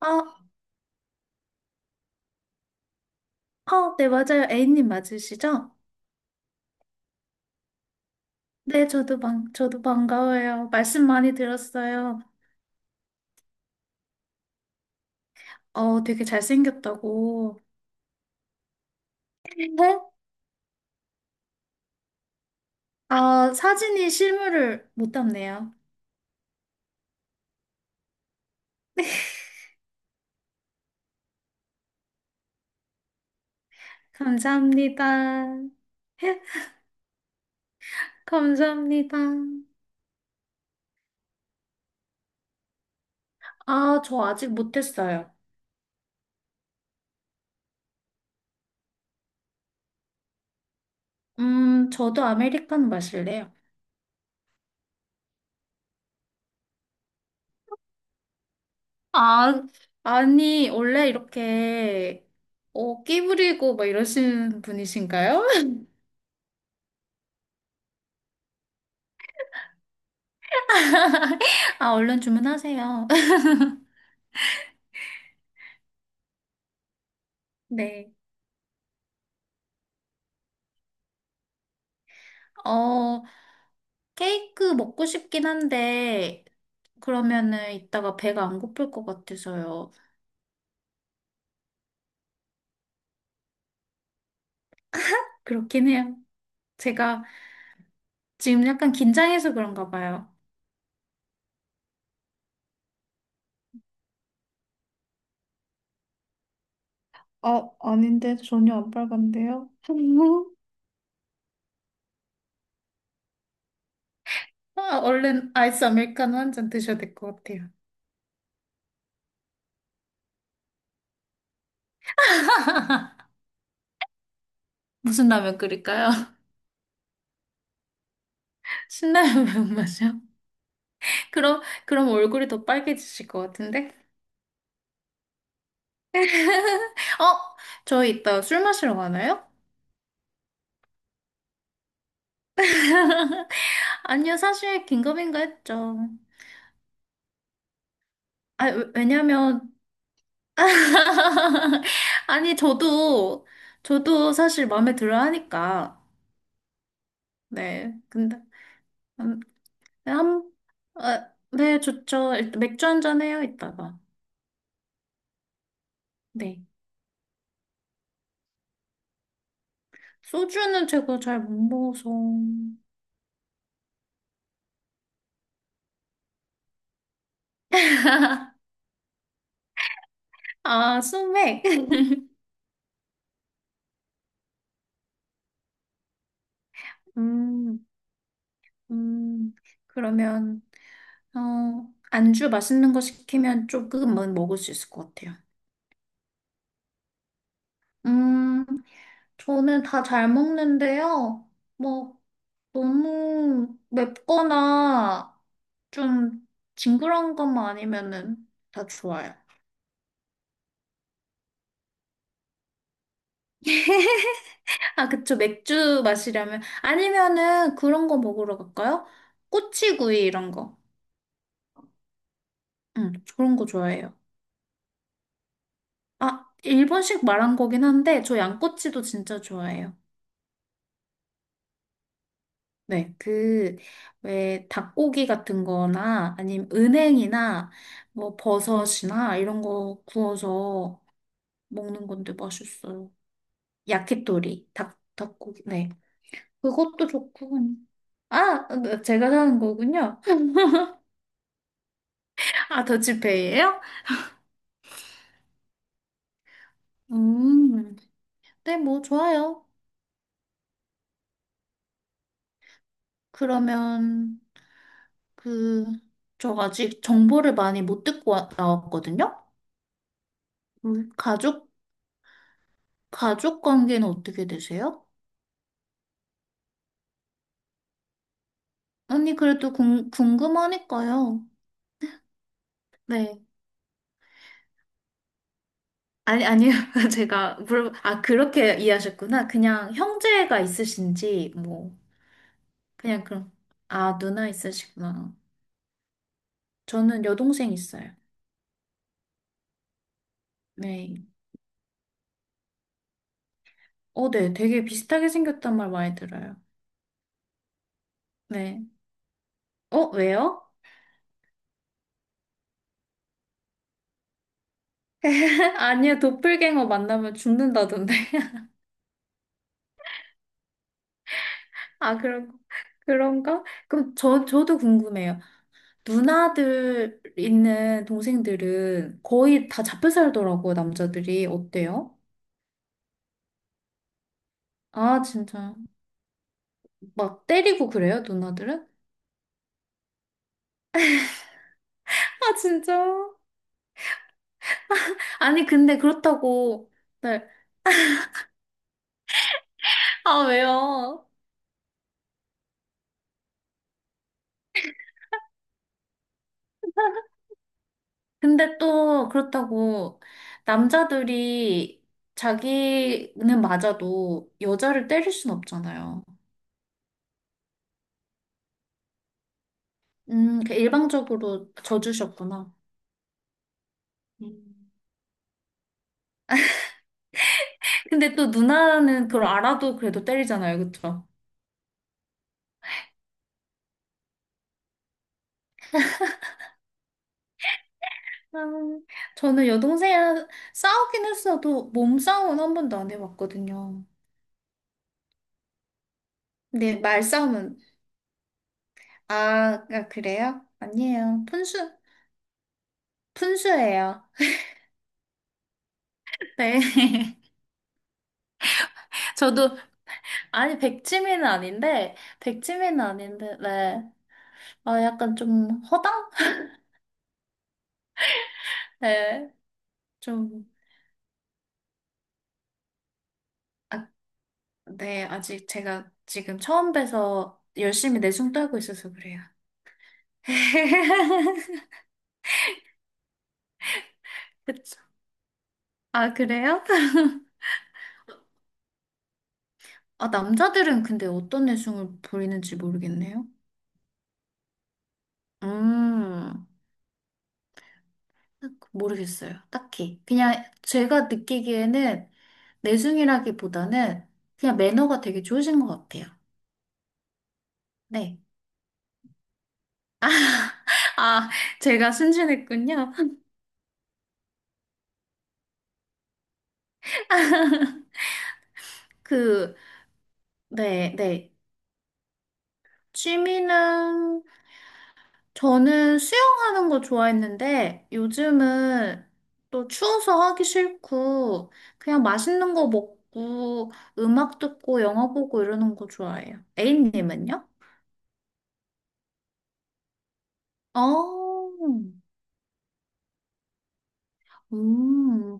아, 아, 네, 맞아요. A님 맞으시죠? 네, 저도 반가워요. 말씀 많이 들었어요. 되게 잘생겼다고. 네? 아, 사진이 실물을 못 담네요. 감사합니다. 감사합니다. 아, 저 아직 못했어요. 저도 아메리카노 마실래요. 아, 아니, 원래 이렇게, 끼 부리고 막 이러시는 분이신가요? 아, 얼른 주문하세요. 네. 어, 케이크 먹고 싶긴 한데, 그러면은 이따가 배가 안 고플 것 같아서요. 그렇긴 해요. 제가 지금 약간 긴장해서 그런가 봐요. 아, 아닌데 전혀 안 빨간데요? 아, 얼른 아이스 아메리카노 한 잔 드셔야 될 것 같아요. 무슨 라면 끓일까요? 신라면 매운맛이요? 그럼 얼굴이 더 빨개지실 것 같은데? 어? 저희 이따 술 마시러 가나요? 아니요, 사실 긴급인가 했죠. 아, 왜냐면, 아니, 저도 사실 마음에 들어 하니까. 네. 근데, 음, 한, 아, 네, 좋죠. 일단 맥주 한잔 해요, 이따가. 네. 소주는 제가 잘 못 먹어서. 아, 소맥. 음, 음, 그러면, 안주 맛있는 거 시키면 조금은 먹을 수 있을 것 같아요. 음. 저는 다 잘 먹는데요. 뭐, 너무 맵거나 좀 징그러운 것만 아니면은 다 좋아요. 아, 그쵸. 맥주 마시려면. 아니면은 그런 거 먹으러 갈까요? 꼬치구이 이런 거. 응, 그런 거 좋아해요. 아, 일본식 말한 거긴 한데, 저 양꼬치도 진짜 좋아해요. 네, 그, 왜, 닭고기 같은 거나, 아니면 은행이나, 뭐, 버섯이나, 이런 거 구워서 먹는 건데 맛있어요. 야키토리, 닭고기, 네. 그것도 좋고. 아, 네, 제가 사는 거군요. 아, 더치페이예요? 음, 네, 뭐, 좋아요. 그러면, 그, 저 아직 정보를 많이 못 듣고 나왔거든요? 음, 가족, 가족 관계는 어떻게 되세요? 언니, 그래도 궁금하니까요. 네. 아니, 아니요. 아, 그렇게 이해하셨구나. 그냥 형제가 있으신지, 뭐, 그냥 그럼. 아, 누나 있으시구나. 저는 여동생 있어요. 네. 어, 네. 되게 비슷하게 생겼단 말 많이 들어요. 네. 어, 왜요? 아니요. 도플갱어 만나면 죽는다던데. 아, 그런가? 그럼 저도 궁금해요. 누나들 있는 동생들은 거의 다 잡혀 살더라고요, 남자들이. 어때요? 아, 진짜. 막 때리고 그래요, 누나들은? 아, 진짜. 아니, 근데 그렇다고. 네. 아, 왜요? 근데 또 그렇다고 남자들이 자기는 맞아도 여자를 때릴 순 없잖아요. 그 일방적으로 져주셨구나. 음. 근데 또 누나는 그걸 알아도 그래도 때리잖아요, 그쵸? 음, 저는 여동생이랑 싸우긴 했어도 몸싸움은 한 번도 안 해봤거든요. 근데 말싸움은, 아, 아, 그래요? 아니에요. 푼수예요. 네. 저도, 아니, 백치미는 아닌데, 백치미는 아닌데, 네. 아, 약간 좀 허당? 네. 좀, 아, 네. 아직 제가 지금 처음 봬서 열심히 내숭 떨고 있어서 그래요. 그쵸. 아, 그래요? 아, 남자들은 근데 어떤 내숭을 부리는지 모르겠네요. 음, 모르겠어요. 딱히. 그냥 제가 느끼기에는 내숭이라기보다는 그냥 매너가 되게 좋으신 것 같아요. 네. 아, 제가 순진했군요. 그, 네, 네. 취미는 저는 수영하는 거 좋아했는데 요즘은 또 추워서 하기 싫고 그냥 맛있는 거 먹고 음악 듣고 영화 보고 이러는 거 좋아해요. A님은요? 어, 음,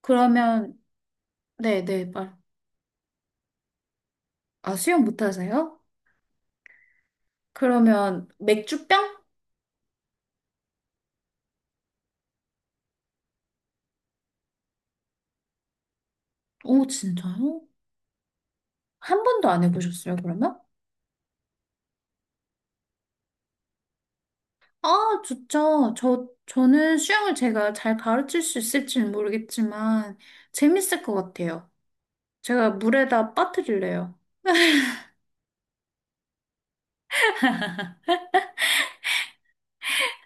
그러면 네네 말. 아 수영 못하세요? 그러면 맥주병? 오 진짜요? 한 번도 안 해보셨어요 그러면? 아, 좋죠. 저는 수영을 제가 잘 가르칠 수 있을지는 모르겠지만, 재밌을 것 같아요. 제가 물에다 빠뜨릴래요.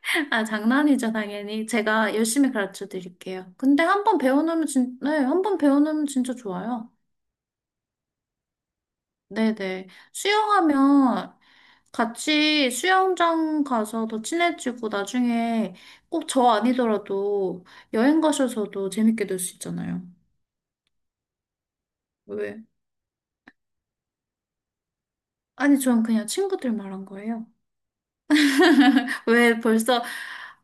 아, 장난이죠, 당연히. 제가 열심히 가르쳐 드릴게요. 근데 한 번 배워놓으면 네, 한 번 배워놓으면 진짜 좋아요. 네네. 수영하면 같이 수영장 가서 더 친해지고 나중에 꼭 저 아니더라도 여행 가셔서도 재밌게 놀 수 있잖아요. 왜? 아니, 전 그냥 친구들 말한 거예요. 왜 벌써,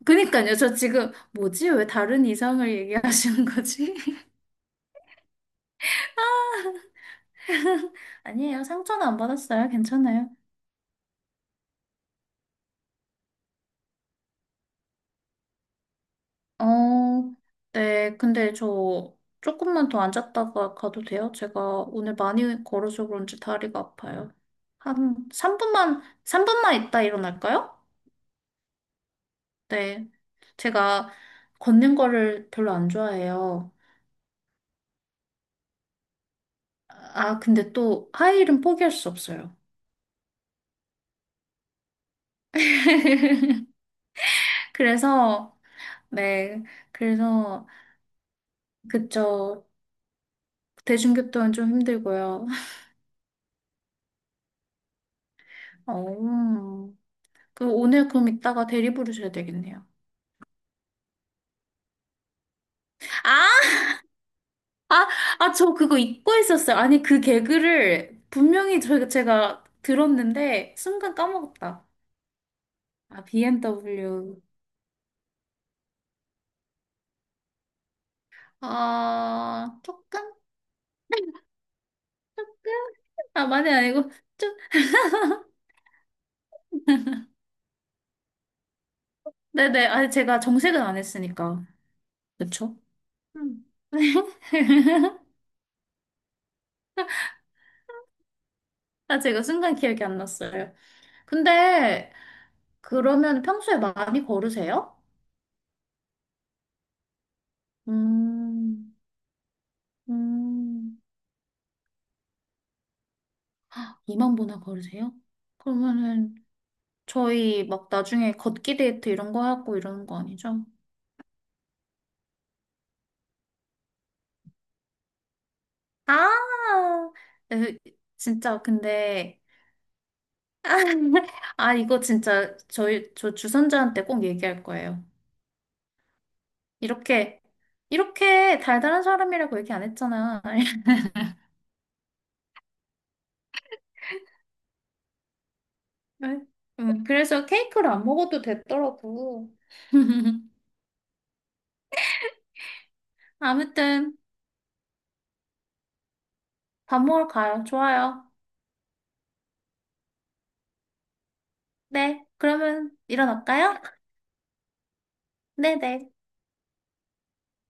그니까요. 저 지금, 뭐지? 왜 다른 이성을 얘기하시는 거지? 아니에요. 상처는 안 받았어요. 괜찮아요. 어, 네. 근데 저 조금만 더 앉았다가 가도 돼요? 제가 오늘 많이 걸어서 그런지 다리가 아파요. 한 3분만, 3분만 있다 일어날까요? 네. 제가 걷는 거를 별로 안 좋아해요. 아, 근데 또 하이힐은 포기할 수 없어요. 그래서, 네. 그래서 그쵸. 대중교통은 좀 힘들고요. 어. 그 오늘 그럼 이따가 대리 부르셔야 되겠네요. 아, 아, 아, 저 그거 잊고 있었어요. 아니, 그 개그를 분명히 제가 들었는데 순간 까먹었다. 아, BMW. 아, 조금? 아, 많이 아니고 좀. 네네. 아니, 제가 정색은 안 했으니까. 그쵸? 음. 아, 제가 순간 기억이 안 났어요. 근데 그러면 평소에 많이 걸으세요? 음, 음, 2만 보나 걸으세요? 그러면은 저희 막 나중에 걷기 데이트 이런 거 하고 이러는 거 아니죠? 아, 으, 진짜 근데 아 이거 진짜 저희 저 주선자한테 꼭 얘기할 거예요. 이렇게 이렇게 달달한 사람이라고 얘기 안 했잖아. 네. 그래서 케이크를 안 먹어도 됐더라고. 아무튼 밥 먹으러 가요. 좋아요. 네, 그러면 일어날까요? 네네.